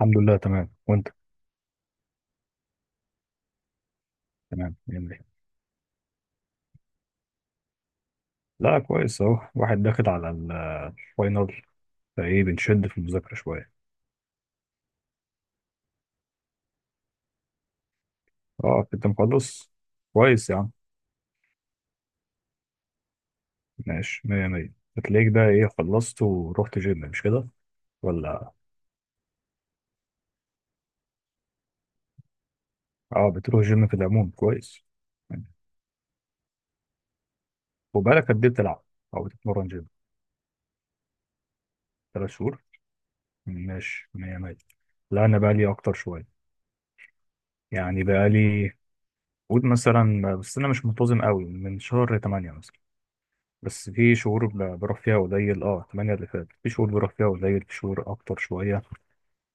الحمد لله تمام وانت. تمام يعني. لا كويس اهو واحد داخل على الفاينل، فايه بنشد في المذاكرة شوية. اه كنت مخلص. كويس يا عم. ماشي مية مية، هتلاقيك بقى ايه، خلصت ورحت جيم مش كده؟ ولا؟ اه بتروح جيم في العموم كويس يعني. وبقالك قد ايه بتلعب او بتتمرن جيم؟ 3 شهور. ماشي مية مية. لا انا بقالي اكتر شوية. يعني بقالي، قول مثلا، بس انا مش منتظم قوي من شهر 8 مثلا. بس في شهور بروح فيها قليل، اه 8 اللي فات في شهور بروح فيها قليل في شهور اكتر شويه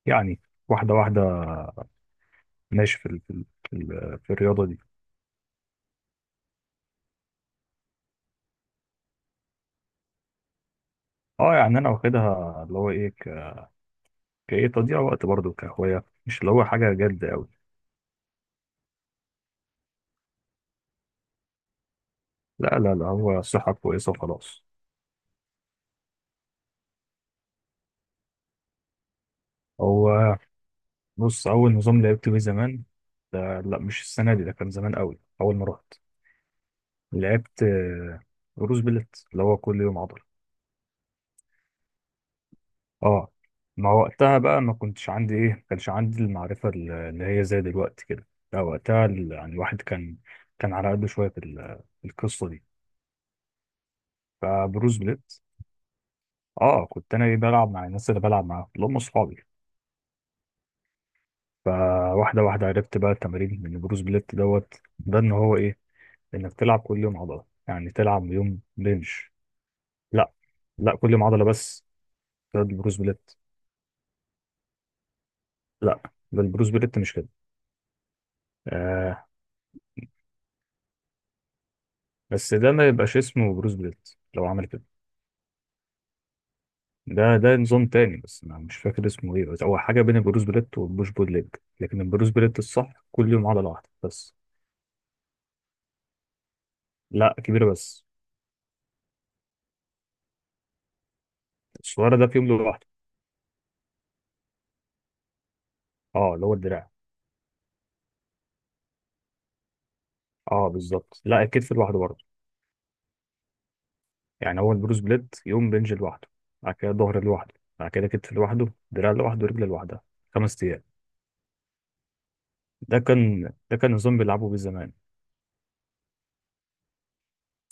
يعني. واحده واحده. ماشي في في الرياضه دي. اه يعني انا واخدها اللي هو ايه، كايه تضييع وقت برضه كهوايه، مش اللي هو حاجه جد قوي. لا لا لا، هو الصحه كويسه وخلاص. هو بص، اول نظام لعبت بيه زمان، ده لا مش السنه دي، ده كان زمان قوي اول ما رحت، لعبت روز بلت، اللي هو كل يوم عضل. اه، ما وقتها بقى ما كنتش عندي ايه، ما كانش عندي المعرفه اللي هي زي دلوقتي كده. لا وقتها يعني الواحد كان على قده شويه في في القصه دي. فبروس بليت، اه كنت انا ايه بلعب مع الناس اللي بلعب معاهم اللي هم اصحابي. فواحده واحده عرفت بقى التمارين من بروس بليت دوت. ده ان هو ايه، انك تلعب كل يوم عضله، يعني تلعب يوم بنش. لا. لا كل يوم عضله بس. ده البروس بليت. لا ده البروس بليت مش كده. آه، بس ده ما يبقاش اسمه بروس بليت لو عمل كده. ده نظام تاني بس أنا مش فاكر اسمه إيه، بس هو حاجة بين البروس بليت والبوش بول ليج. لكن البروس بليت الصح كل يوم عضلة واحدة بس. لا كبيرة بس. الصغيرة ده في يوم لوحده. أه اللي هو الدراع. أه بالظبط، لا الكتف لوحده برضه. يعني هو البروس بليت يوم بنج لوحده، بعد كده ظهر لوحده، بعد كده كتف لوحده، دراع لوحده، رجل لوحدها. 5 أيام. ده كان نظام بيلعبوا بيه زمان.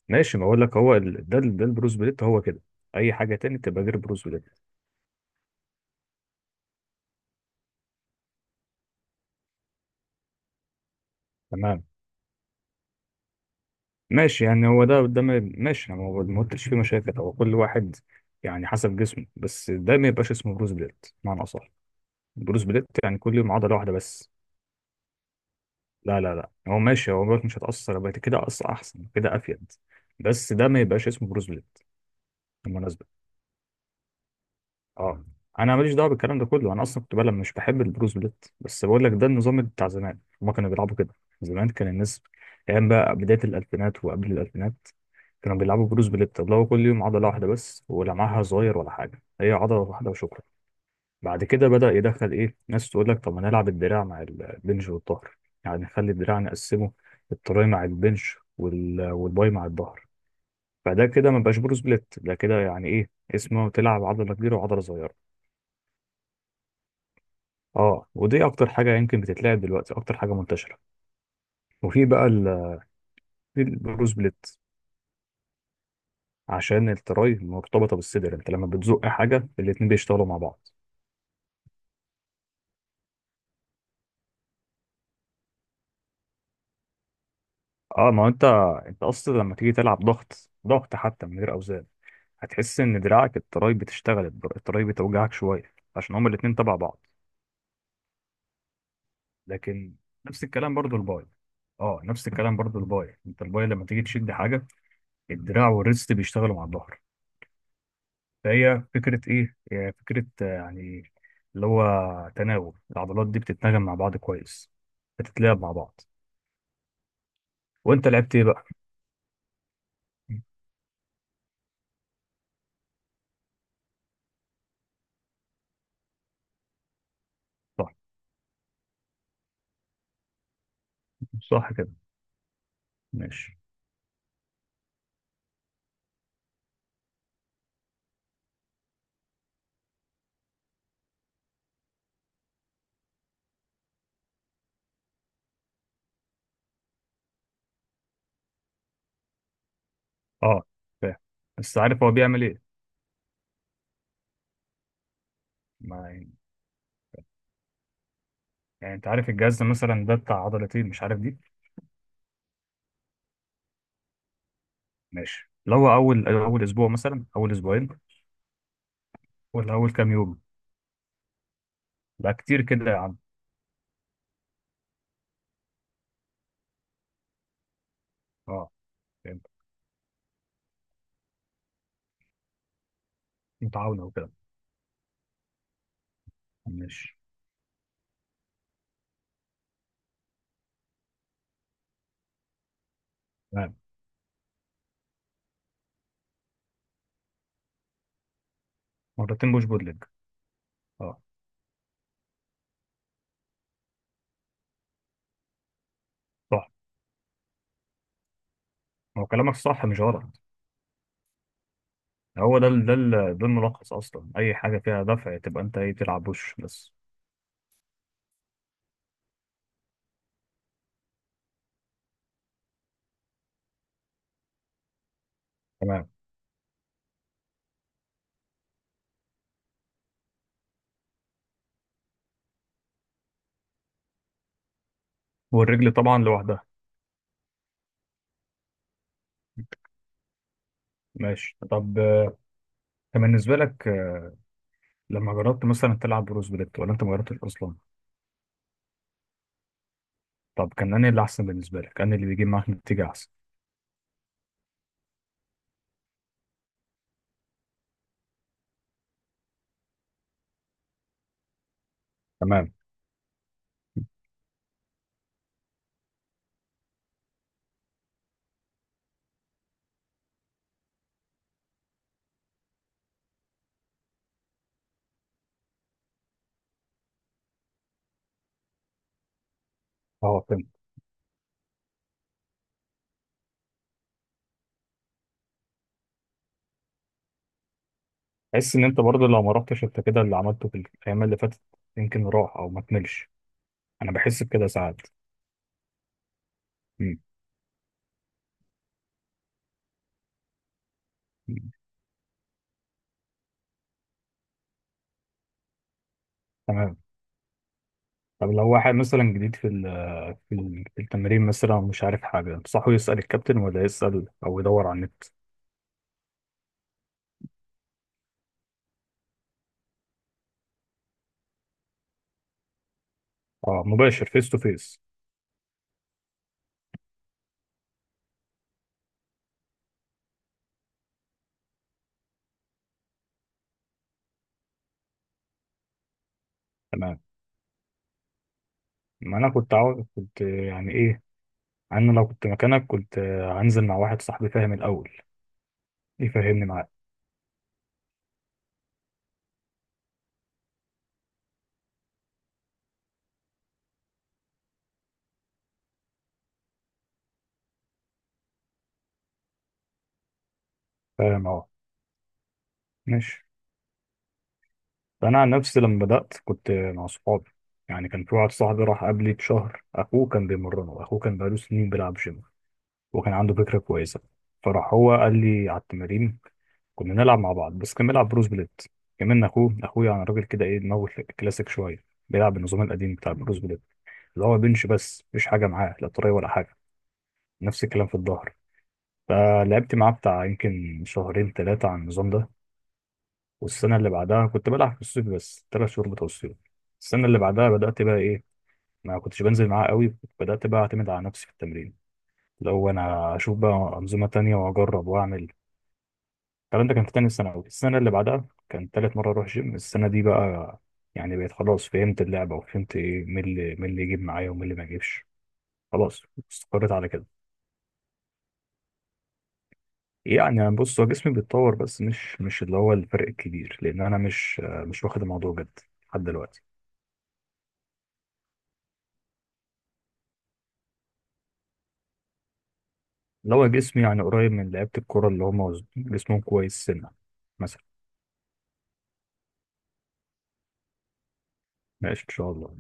ماشي، ما أقول لك، هو ال... ده البروس بليت هو كده. أي حاجة تاني تبقى غير بروس بليت. تمام. ماشي يعني هو ده ده ما- ماشي، انا ما قلتش فيه مشاكل، هو كل واحد يعني حسب جسمه، بس ده ما يبقاش اسمه بروس بليت بمعنى اصح. بروس بليت يعني كل يوم عضله واحده بس. لا لا لا، هو ماشي، هو بقولك مش هتاثر بقى كده، احسن كده، افيد. بس ده ما يبقاش اسمه بروس بليت. بالمناسبه، اه، انا ماليش دعوه بالكلام ده كله، انا اصلا كنت بلعب مش بحب البروس بليت، بس بقول لك ده النظام بتاع زمان، هما كانوا بيلعبوا كده. زمان كان الناس، ايام بقى بدايه الالفينات وقبل الالفينات، كانوا بيلعبوا بروس بليت اللي هو كل يوم عضله واحده بس، ولمعها صغير ولا حاجه، هي عضله واحده وشكرا. بعد كده بدا يدخل ايه، ناس تقول لك طب ما نلعب الدراع مع البنش والظهر، يعني نخلي الدراع نقسمه، التراي مع البنش والباي مع الظهر. فده كده ما بقاش بروس بليت، ده كده يعني ايه، اسمه تلعب عضله كبيره وعضله صغيره. اه، ودي اكتر حاجه يمكن بتتلعب دلوقتي، اكتر حاجه منتشره. وفي بقى في البروس بليت، عشان التراي مرتبطه بالصدر، انت لما بتزق حاجه الاتنين بيشتغلوا مع بعض. اه ما هو انت اصلا لما تيجي تلعب ضغط ضغط حتى من غير اوزان، هتحس ان دراعك التراي بتشتغل، التراي بتوجعك شويه عشان هما الاتنين تبع بعض. لكن نفس الكلام برضو الباي. اه نفس الكلام برضو الباي، انت الباي لما تيجي تشد حاجه، الدراع والريست بيشتغلوا مع الظهر. فهي فكرة إيه؟ هي فكرة، يعني اللي هو تناوب العضلات دي بتتناغم مع بعض كويس، بتتلعب مع بعض. وأنت لعبت إيه بقى؟ صح صح كده ماشي. أه فاهم، بس عارف هو بيعمل إيه؟ ما يعني يعني أنت عارف الجهاز مثلا ده بتاع عضلتين، مش عارف دي. ماشي لو هو أول أسبوع مثلا، أول أسبوعين ولا أول كام يوم؟ لا كتير كده يا عم. أه فهمت. متعاونة وكده. ماشي. تمام. مرتين بوش بود ليج. أه صح، ما هو كلامك صح مش غلط. هو ده ده الملخص اصلا، اي حاجه فيها دفع تبقى انت ايه بتلعب وش بس. تمام. والرجل طبعا لوحدها. ماشي، طب كان بالنسبه لك، لما جربت مثلا تلعب بروز بليت ولا انت ما جربتش اصلا؟ طب كان انهي اللي احسن بالنسبه لك، انهي اللي بيجيب معاك نتيجه احسن؟ تمام اه فهمت. تحس ان انت برضه لو ما رحتش انت كده، اللي عملته في الايام اللي فاتت يمكن راح او ما كملش. انا بحس بكده ساعات. مم. مم. تمام. طب لو واحد مثلا جديد في في التمرين مثلا، مش عارف حاجة، تنصحه يسأل الكابتن ولا يسأل أو يدور على النت؟ اه، مباشر فيس تو فيس. تمام. ما أنا كنت يعني إيه، أنا لو كنت مكانك كنت هنزل مع واحد صاحبي فاهم الأول يفهمني معاه. فاهم أه. ماشي. فأنا عن نفسي لما بدأت كنت مع صحابي. يعني كان في واحد صاحبي راح قبلي بشهر، أخوه كان بيمرنه، أخوه كان بقاله سنين بيلعب جيم وكان عنده فكرة كويسة. فراح هو قال لي على التمارين، كنا بنلعب مع بعض، بس كان بيلعب بروس بليت كمان. اخوه، اخويا يعني، راجل كده ايه دماغه كلاسيك شويه، بيلعب بالنظام القديم بتاع بروس بليت، اللي هو بنش بس مفيش حاجه معاه، لا طريه ولا حاجه. نفس الكلام في الظهر. فلعبت معاه بتاع يمكن شهرين ثلاثه على النظام ده. والسنه اللي بعدها كنت بلعب في الصيف بس، 3 شهور بتوع الصيف. السنه اللي بعدها بدات بقى ايه، ما كنتش بنزل معاه قوي، بدات بقى اعتمد على نفسي في التمرين، لو انا اشوف بقى انظمه تانية واجرب واعمل. الكلام ده كان في تاني ثانوي، السنة اللي بعدها كان تالت مرة أروح جيم، السنة دي بقى يعني بقيت خلاص فهمت اللعبة، وفهمت إيه، مين اللي يجيب معايا ومين اللي ما يجيبش. خلاص استقريت على كده. يعني أنا بص، هو جسمي بيتطور بس مش اللي هو الفرق الكبير، لأن أنا مش واخد الموضوع جد لحد دلوقتي. اللي هو جسمي يعني قريب من لعيبة الكورة اللي هم جسمهم كويس سنة مثلا. ماشي إن شاء الله.